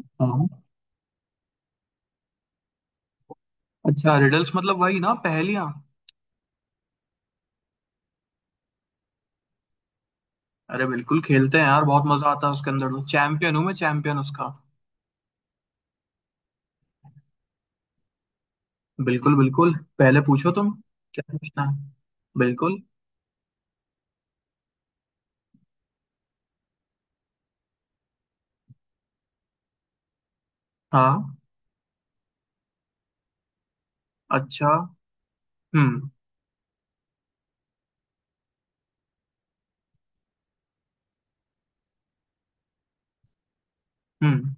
हाँ। अच्छा, रिडल्स मतलब वही ना, पहेलियाँ। अरे बिल्कुल खेलते हैं यार, बहुत मजा आता है उसके अंदर। तो चैंपियन हूँ मैं, चैंपियन उसका। बिल्कुल बिल्कुल, पहले पूछो तुम। क्या पूछना है। बिल्कुल। हाँ। अच्छा। हम्म। हम्म।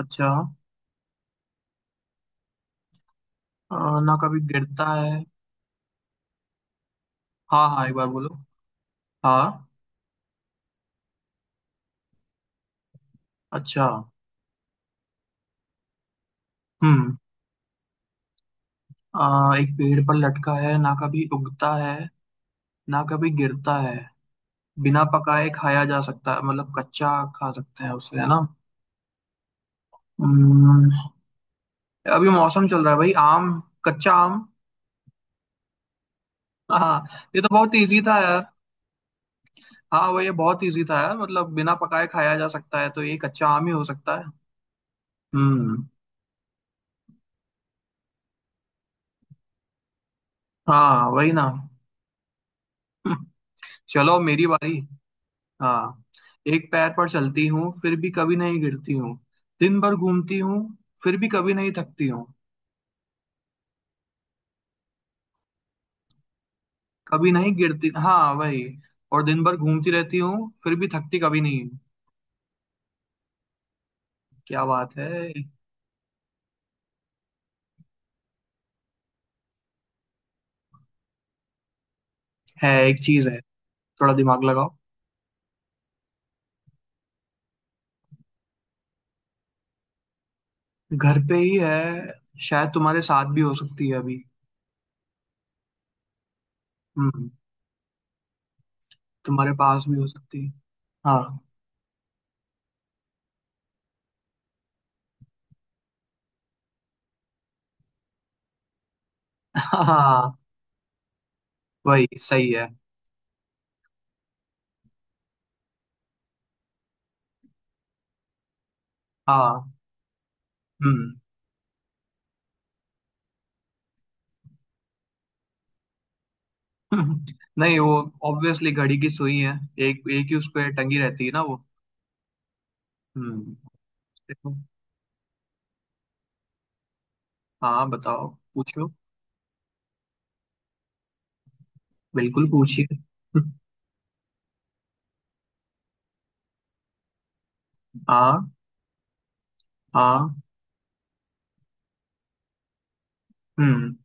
अच्छा। अ, ना कभी गिरता है। हाँ हाँ, एक बार बोलो। हाँ। अच्छा। हम्म। एक पेड़ पर लटका है, ना कभी उगता है, ना कभी गिरता है। बिना पकाए खाया जा सकता है मतलब कच्चा। खा सकते हैं उसे, है ना। हम्म। अभी मौसम चल रहा है भाई, आम, कच्चा आम। हाँ। ये तो बहुत इजी था यार। हाँ भाई, ये बहुत इजी था यार। मतलब बिना पकाए खाया जा सकता है तो ये कच्चा आम ही हो सकता है। हम्म। हाँ वही ना। चलो मेरी बारी। हाँ। एक पैर पर चलती हूँ फिर भी कभी नहीं गिरती हूँ। दिन भर घूमती हूँ फिर भी कभी नहीं थकती हूँ। कभी नहीं गिरती, हाँ वही। और दिन भर घूमती रहती हूँ फिर भी थकती कभी नहीं हूँ। क्या बात है। है, एक चीज है। थोड़ा दिमाग लगाओ। घर पे ही है। शायद तुम्हारे साथ भी हो सकती है अभी। हम्म। तुम्हारे पास भी हो सकती है। हाँ। हाँ, वही सही है। हाँ। हम्म। नहीं, वो ऑब्वियसली घड़ी की सुई है। एक एक ही उस पे टंगी रहती है ना वो। हम्म। देखो। हाँ बताओ। पूछो, बिल्कुल पूछिए। हाँ। हाँ। हम्म।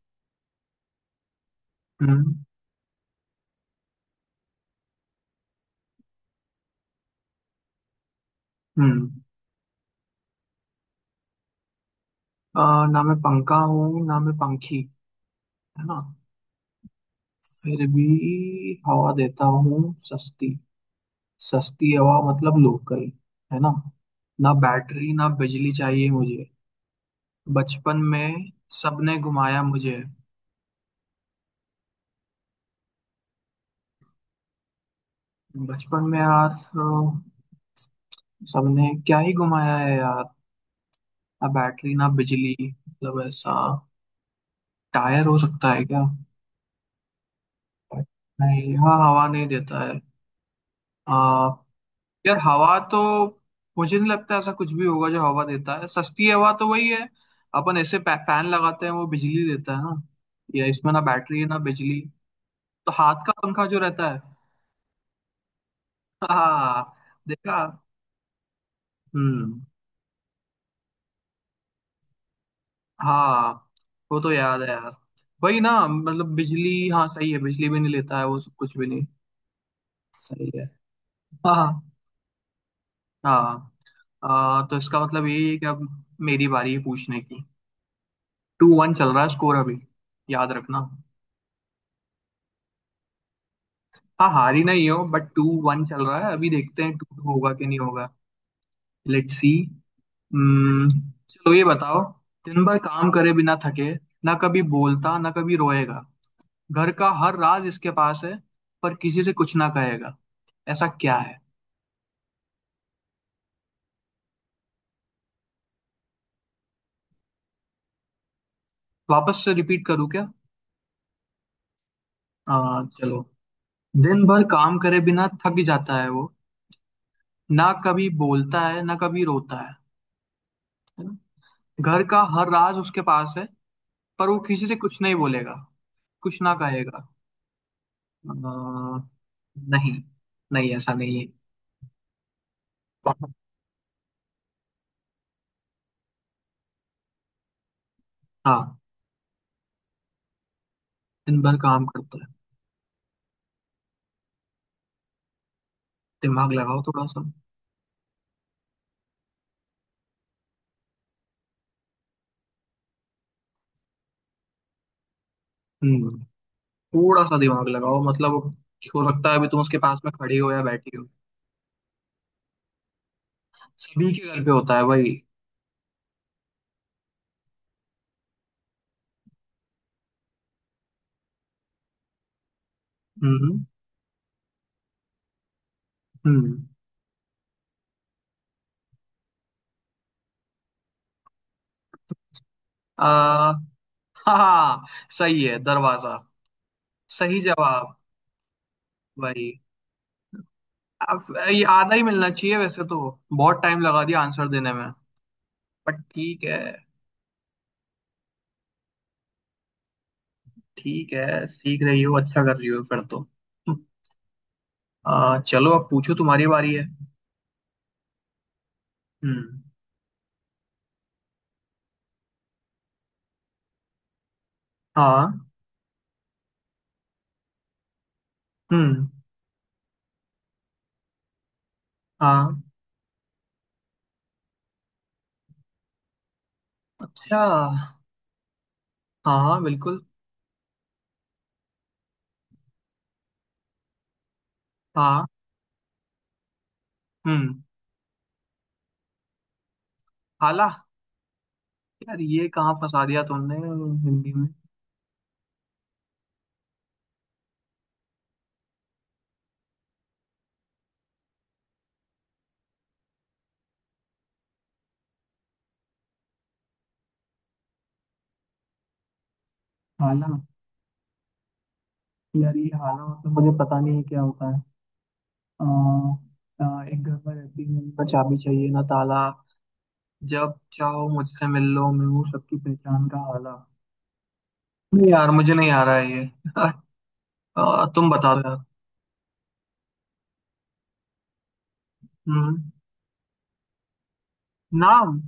हम्म। हम्म। ना मैं पंखा हूँ ना मैं पंखी, है ना। फिर भी हवा देता हूँ सस्ती। सस्ती हवा मतलब लोकल, है ना। ना बैटरी ना बिजली चाहिए मुझे। बचपन में सबने घुमाया मुझे। बचपन में यार, सबने क्या ही घुमाया है यार। ना बैटरी ना बिजली मतलब, ऐसा टायर हो सकता है क्या। नहीं, हाँ, हवा नहीं देता है। आ, यार हवा तो, मुझे नहीं लगता ऐसा कुछ भी होगा जो हवा देता है। सस्ती हवा तो वही है। अपन ऐसे फैन लगाते हैं वो बिजली देता है ना, या इसमें ना बैटरी है ना बिजली। तो हाथ का पंखा जो रहता है। हाँ। देखा। हम्म। हाँ, वो तो याद है यार। वही ना, मतलब बिजली, हाँ सही है, बिजली भी नहीं लेता है वो, सब कुछ भी नहीं। सही है। हाँ। हाँ। तो इसका मतलब ये है कि अब मेरी बारी है पूछने की। टू वन चल रहा है स्कोर अभी, याद रखना। हाँ, हारी नहीं हो, बट टू वन चल रहा है अभी, देखते हैं टू होगा कि नहीं होगा। Let's see. हम्म, चलो ये बताओ, दिन भर काम करे बिना थके, ना कभी बोलता ना कभी रोएगा, घर का हर राज इसके पास है, पर किसी से कुछ ना कहेगा, ऐसा क्या है। वापस से रिपीट करूँ क्या। चलो, दिन भर काम करे बिना थक जाता है वो, ना कभी बोलता है ना कभी रोता है ना? घर का हर राज उसके पास है, पर वो किसी से कुछ नहीं बोलेगा, कुछ ना कहेगा। आ, नहीं, नहीं ऐसा नहीं है। हाँ। दिन भर काम करता है। दिमाग लगाओ थोड़ा सा। हम्म। थोड़ा सा दिमाग लगाओ मतलब, हो सकता है अभी तुम उसके पास में खड़ी हो या बैठी हो। सभी के घर पे होता है भाई। हम्म। हम्म। आ। हाँ, सही है दरवाजा। सही जवाब। भाई, अब ये आधा ही मिलना चाहिए वैसे तो। बहुत टाइम लगा दिया आंसर देने में, बट ठीक है। ठीक है, सीख रही हो, अच्छा कर रही हो फिर तो। चलो अब पूछो, तुम्हारी बारी है। हम्म। हाँ। हम्म। हाँ। अच्छा। हाँ हाँ बिल्कुल। हाँ। हम्म। हाला। यार ये कहाँ फंसा दिया तुमने, हिंदी में। हाला। यार ये हाला मतलब मुझे पता नहीं है क्या होता है। आ, आ, एक घर पर रहती हूँ, ना चाबी चाहिए ना ताला, जब चाहो मुझसे मिल लो, मैं हूँ सबकी पहचान का हाला। नहीं यार, मुझे नहीं आ रहा है ये। तुम बता दो यार। हम्म। नाम।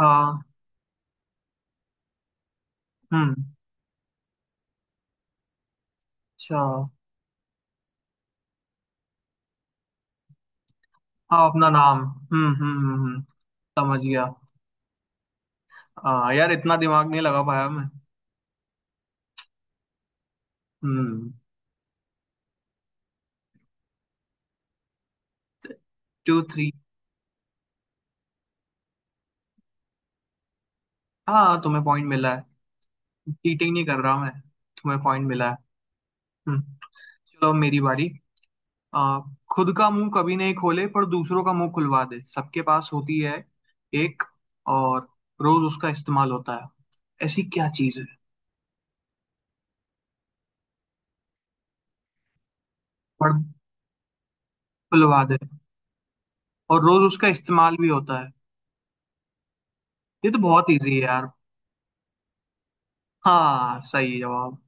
हाँ। हम्म। अच्छा। हाँ अपना नाम। हम्म। समझ गया। हाँ यार, इतना दिमाग नहीं लगा पाया मैं। हम्म। Two three. हाँ तुम्हें पॉइंट मिला है। चीटिंग नहीं कर रहा मैं, तुम्हें पॉइंट मिला है। हम्म, चलो अब मेरी बारी। आ, खुद का मुंह कभी नहीं खोले, पर दूसरों का मुंह खुलवा दे, सबके पास होती है एक, और रोज उसका इस्तेमाल होता है। ऐसी क्या चीज है। पर खुलवा दे, और रोज उसका इस्तेमाल भी होता है। ये तो बहुत इजी है यार। हाँ सही जवाब।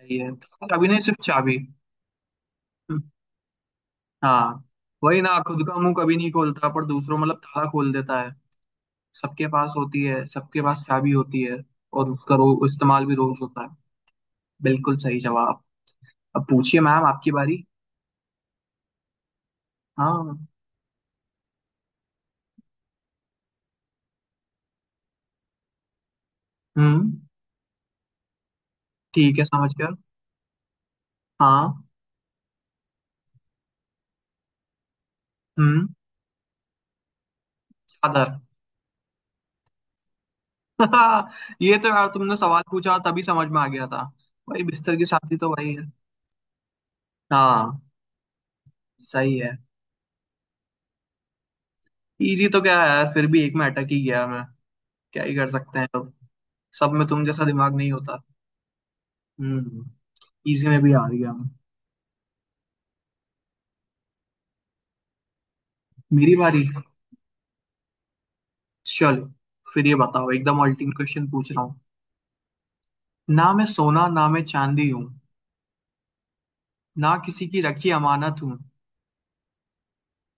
सही है। चाबी, नहीं सिर्फ चाबी। हम्म। हाँ। वही ना, खुद का मुंह कभी नहीं खोलता पर दूसरों मतलब ताला खोल देता है। सबके पास होती है, सबके पास चाबी होती है। और उसका इस्तेमाल भी रोज होता है। बिल्कुल सही जवाब। अब पूछिए मैम, आपकी बारी। हाँ। हम्म। ठीक है समझ गया। हाँ। हम्म। चादर। ये तो यार तुमने सवाल पूछा तभी समझ में आ गया था। भाई, बिस्तर की साथी तो वही है। हाँ। सही है। इजी तो क्या है यार, फिर भी एक में अटक ही गया मैं। क्या ही कर सकते हैं अब। सब में तुम जैसा दिमाग नहीं होता। हम्म। इजी में भी आ गया मैं। मेरी बारी। चलो फिर ये बताओ, एकदम अल्टीमेट क्वेश्चन पूछ रहा हूँ। ना मैं सोना ना मैं चांदी हूँ, ना किसी की रखी अमानत हूँ,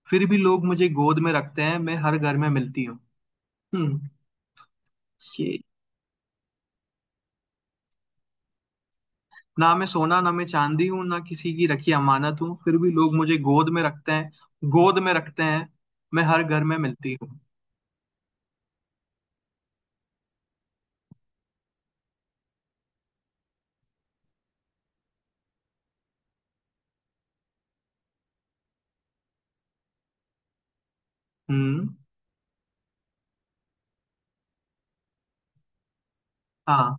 फिर भी लोग मुझे गोद में रखते हैं, मैं हर घर में मिलती हूँ। हम्म। ये, ना मैं सोना ना मैं चांदी हूँ, ना किसी की रखी अमानत हूँ, फिर भी लोग मुझे गोद में रखते हैं, गोद में रखते हैं, मैं हर घर में मिलती हूँ। हम्म। हाँ।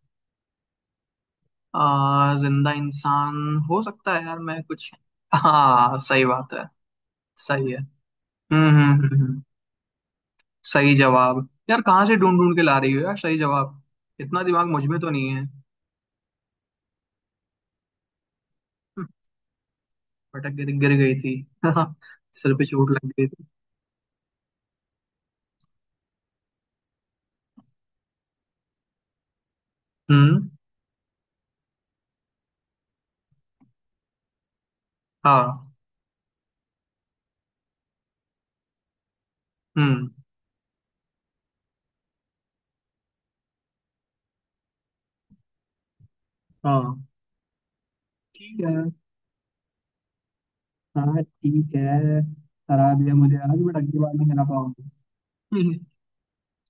जिंदा इंसान हो सकता है यार, मैं कुछ, हाँ सही बात है। सही है। हम्म हम्म हम्म हम्म। सही जवाब यार, कहाँ से ढूंढ ढूंढ के ला रही हो यार, सही जवाब। इतना दिमाग मुझ में तो नहीं है। हम्म, पटक गई थी, गिर गई थी, सिर पे चोट लग गई थी। हम्म। हाँ। हम्म। हाँ ठीक है। हाँ ठीक है, हरा दिया मुझे आज, बट अगली बार नहीं हरा पाऊंगा। हम्म,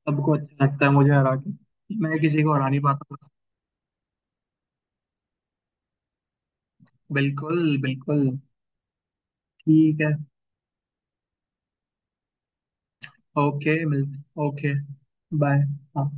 सबको अच्छा लगता है मुझे हरा के, मैं किसी को हरा नहीं पाता। बिल्कुल बिल्कुल। ठीक है। ओके मिलते, ओके। बाय। हाँ।